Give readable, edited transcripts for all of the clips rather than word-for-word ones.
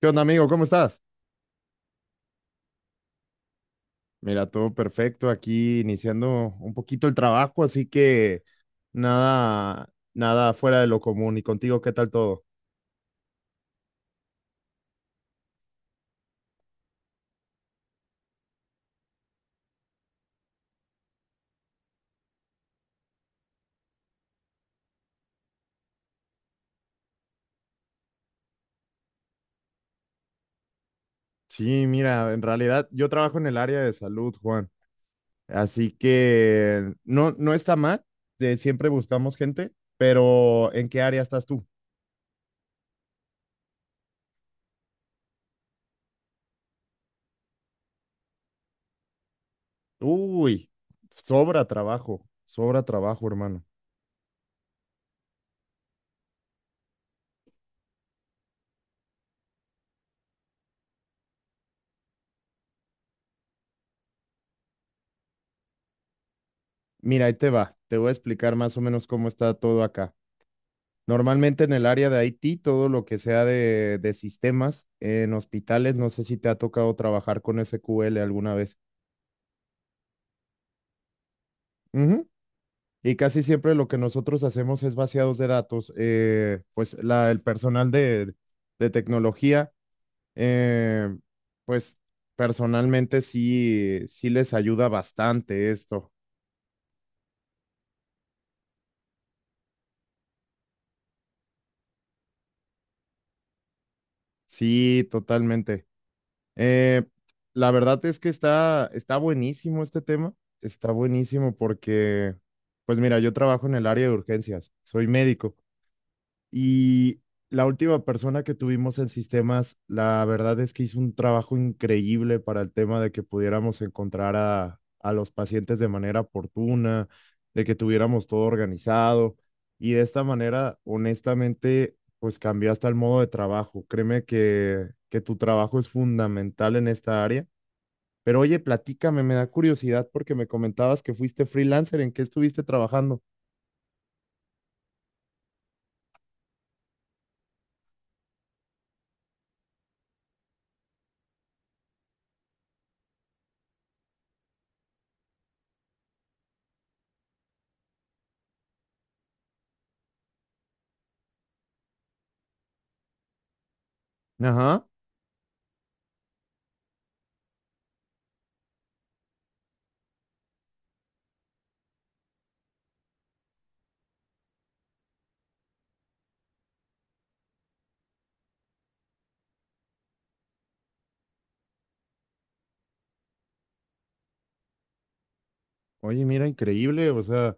¿Qué onda, amigo? ¿Cómo estás? Mira, todo perfecto aquí, iniciando un poquito el trabajo, así que nada fuera de lo común. ¿Y contigo qué tal todo? Sí, mira, en realidad yo trabajo en el área de salud, Juan, así que no, no está mal, de siempre buscamos gente, pero ¿en qué área estás tú? Uy, sobra trabajo, hermano. Mira, ahí te va, te voy a explicar más o menos cómo está todo acá. Normalmente en el área de IT, todo lo que sea de sistemas en hospitales, no sé si te ha tocado trabajar con SQL alguna vez. Ujú. Y casi siempre lo que nosotros hacemos es vaciados de datos. Pues el personal de tecnología, eh, pues personalmente sí, sí les ayuda bastante esto. Sí, totalmente. Eh, la verdad es que está buenísimo este tema, está buenísimo porque, pues mira, yo trabajo en el área de urgencias, soy médico y la última persona que tuvimos en sistemas, la verdad es que hizo un trabajo increíble para el tema de que pudiéramos encontrar a los pacientes de manera oportuna, de que tuviéramos todo organizado. Y de esta manera, honestamente, pues cambió hasta el modo de trabajo. Créeme que tu trabajo es fundamental en esta área. Pero oye, platícame, me da curiosidad porque me comentabas que fuiste freelancer, ¿en qué estuviste trabajando? Ajá. Oye, mira, increíble, o sea,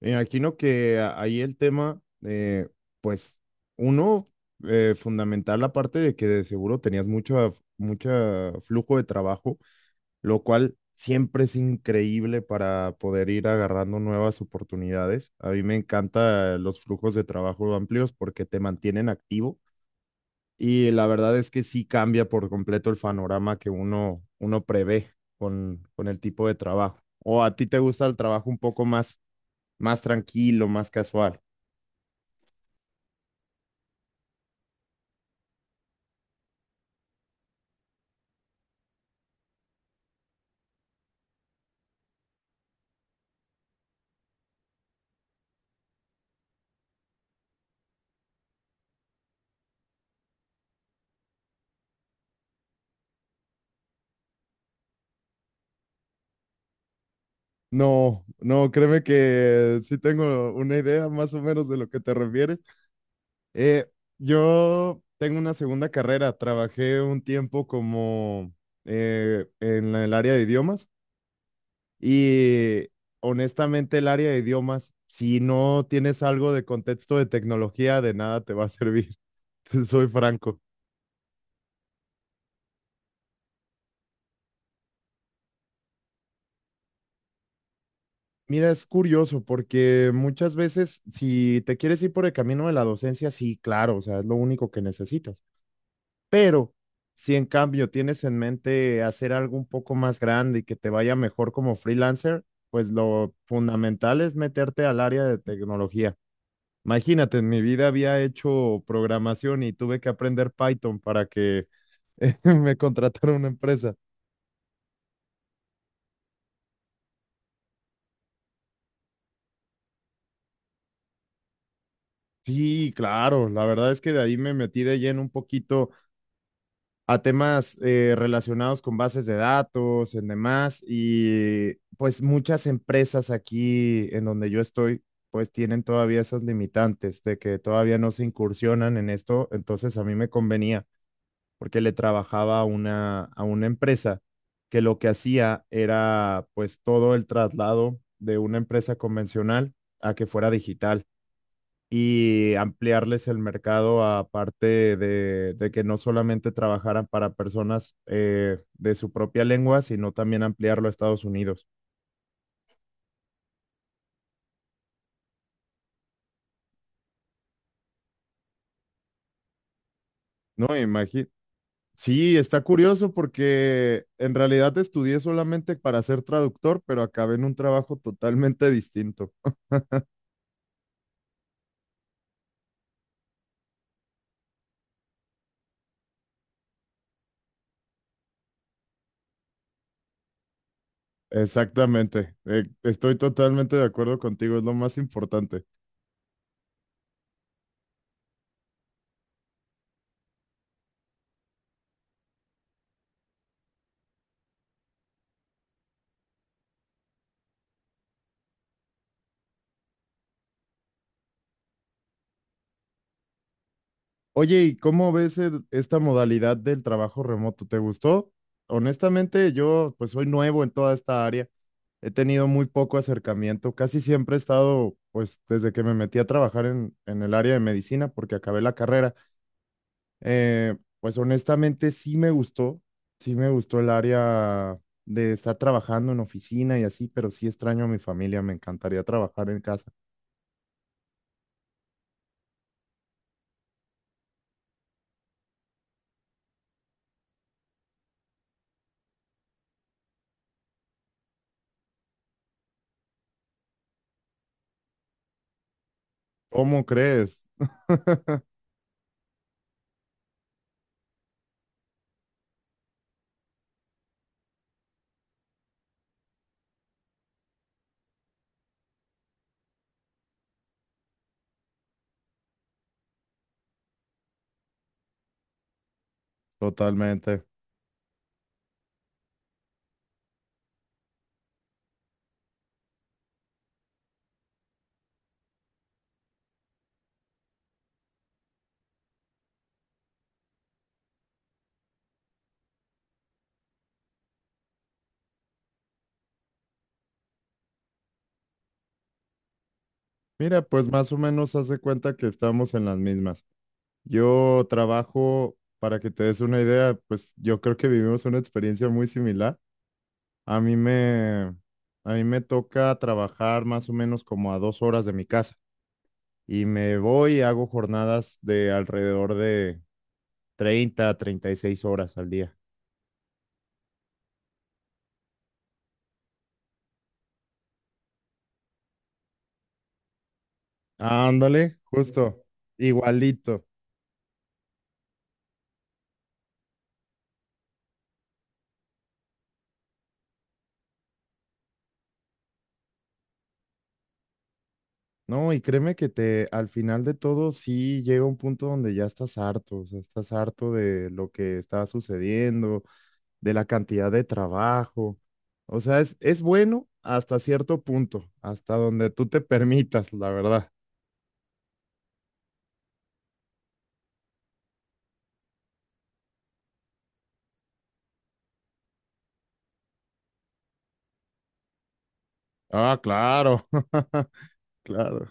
me imagino que ahí el tema, pues, uno, fundamental la parte de que de seguro tenías mucho, mucha flujo de trabajo, lo cual siempre es increíble para poder ir agarrando nuevas oportunidades. A mí me encantan los flujos de trabajo amplios porque te mantienen activo y la verdad es que sí cambia por completo el panorama que uno, uno prevé con el tipo de trabajo. ¿O a ti te gusta el trabajo un poco más, más tranquilo, más casual? No, no, créeme que sí tengo una idea más o menos de lo que te refieres. Eh, yo tengo una segunda carrera, trabajé un tiempo como en el área de idiomas y honestamente, el área de idiomas, si no tienes algo de contexto de tecnología, de nada te va a servir. Te soy franco. Mira, es curioso porque muchas veces si te quieres ir por el camino de la docencia, sí, claro, o sea, es lo único que necesitas. Pero si en cambio tienes en mente hacer algo un poco más grande y que te vaya mejor como freelancer, pues lo fundamental es meterte al área de tecnología. Imagínate, en mi vida había hecho programación y tuve que aprender Python para que me contratara una empresa. Sí, claro, la verdad es que de ahí me metí de lleno un poquito a temas relacionados con bases de datos, en demás, y pues muchas empresas aquí en donde yo estoy, pues tienen todavía esas limitantes de que todavía no se incursionan en esto, entonces a mí me convenía porque le trabajaba a una empresa que lo que hacía era pues todo el traslado de una empresa convencional a que fuera digital y ampliarles el mercado aparte de que no solamente trabajaran para personas de su propia lengua, sino también ampliarlo a Estados Unidos. No, imagino. Sí, está curioso porque en realidad estudié solamente para ser traductor, pero acabé en un trabajo totalmente distinto. Exactamente, estoy totalmente de acuerdo contigo, es lo más importante. Oye, ¿y cómo ves esta modalidad del trabajo remoto? ¿Te gustó? Honestamente, yo pues soy nuevo en toda esta área, he tenido muy poco acercamiento, casi siempre he estado, pues desde que me metí a trabajar en el área de medicina, porque acabé la carrera, eh, pues honestamente sí me gustó el área de estar trabajando en oficina y así, pero sí extraño a mi familia, me encantaría trabajar en casa. ¿Cómo crees? Totalmente. Mira, pues más o menos hace cuenta que estamos en las mismas. Yo trabajo, para que te des una idea, pues yo creo que vivimos una experiencia muy similar. A mí me, a mí me toca trabajar más o menos como a 2 horas de mi casa y me voy y hago jornadas de alrededor de 30 a 36 horas al día. Ándale, justo, igualito. No, y créeme que te, al final de todo, sí llega un punto donde ya estás harto, o sea, estás harto de lo que está sucediendo, de la cantidad de trabajo. O sea, es bueno hasta cierto punto, hasta donde tú te permitas, la verdad. Ah, claro, claro.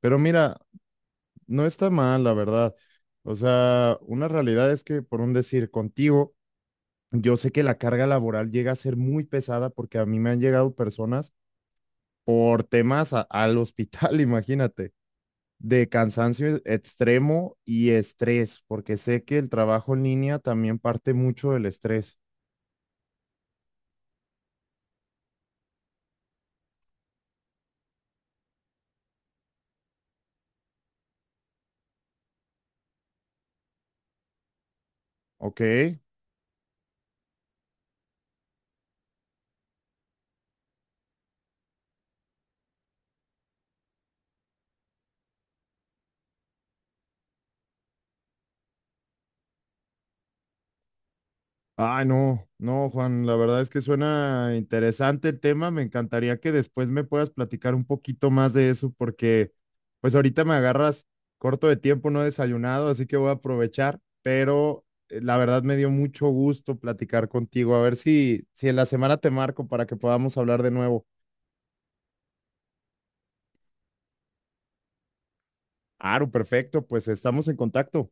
Pero mira, no está mal, la verdad. O sea, una realidad es que, por un decir, contigo, yo sé que la carga laboral llega a ser muy pesada porque a mí me han llegado personas por temas al hospital, imagínate, de cansancio extremo y estrés, porque sé que el trabajo en línea también parte mucho del estrés, ¿ok? Ay, no, no, Juan, la verdad es que suena interesante el tema. Me encantaría que después me puedas platicar un poquito más de eso, porque pues ahorita me agarras corto de tiempo, no he desayunado, así que voy a aprovechar, pero la verdad me dio mucho gusto platicar contigo. A ver si, si en la semana te marco para que podamos hablar de nuevo. Aro, perfecto, pues estamos en contacto.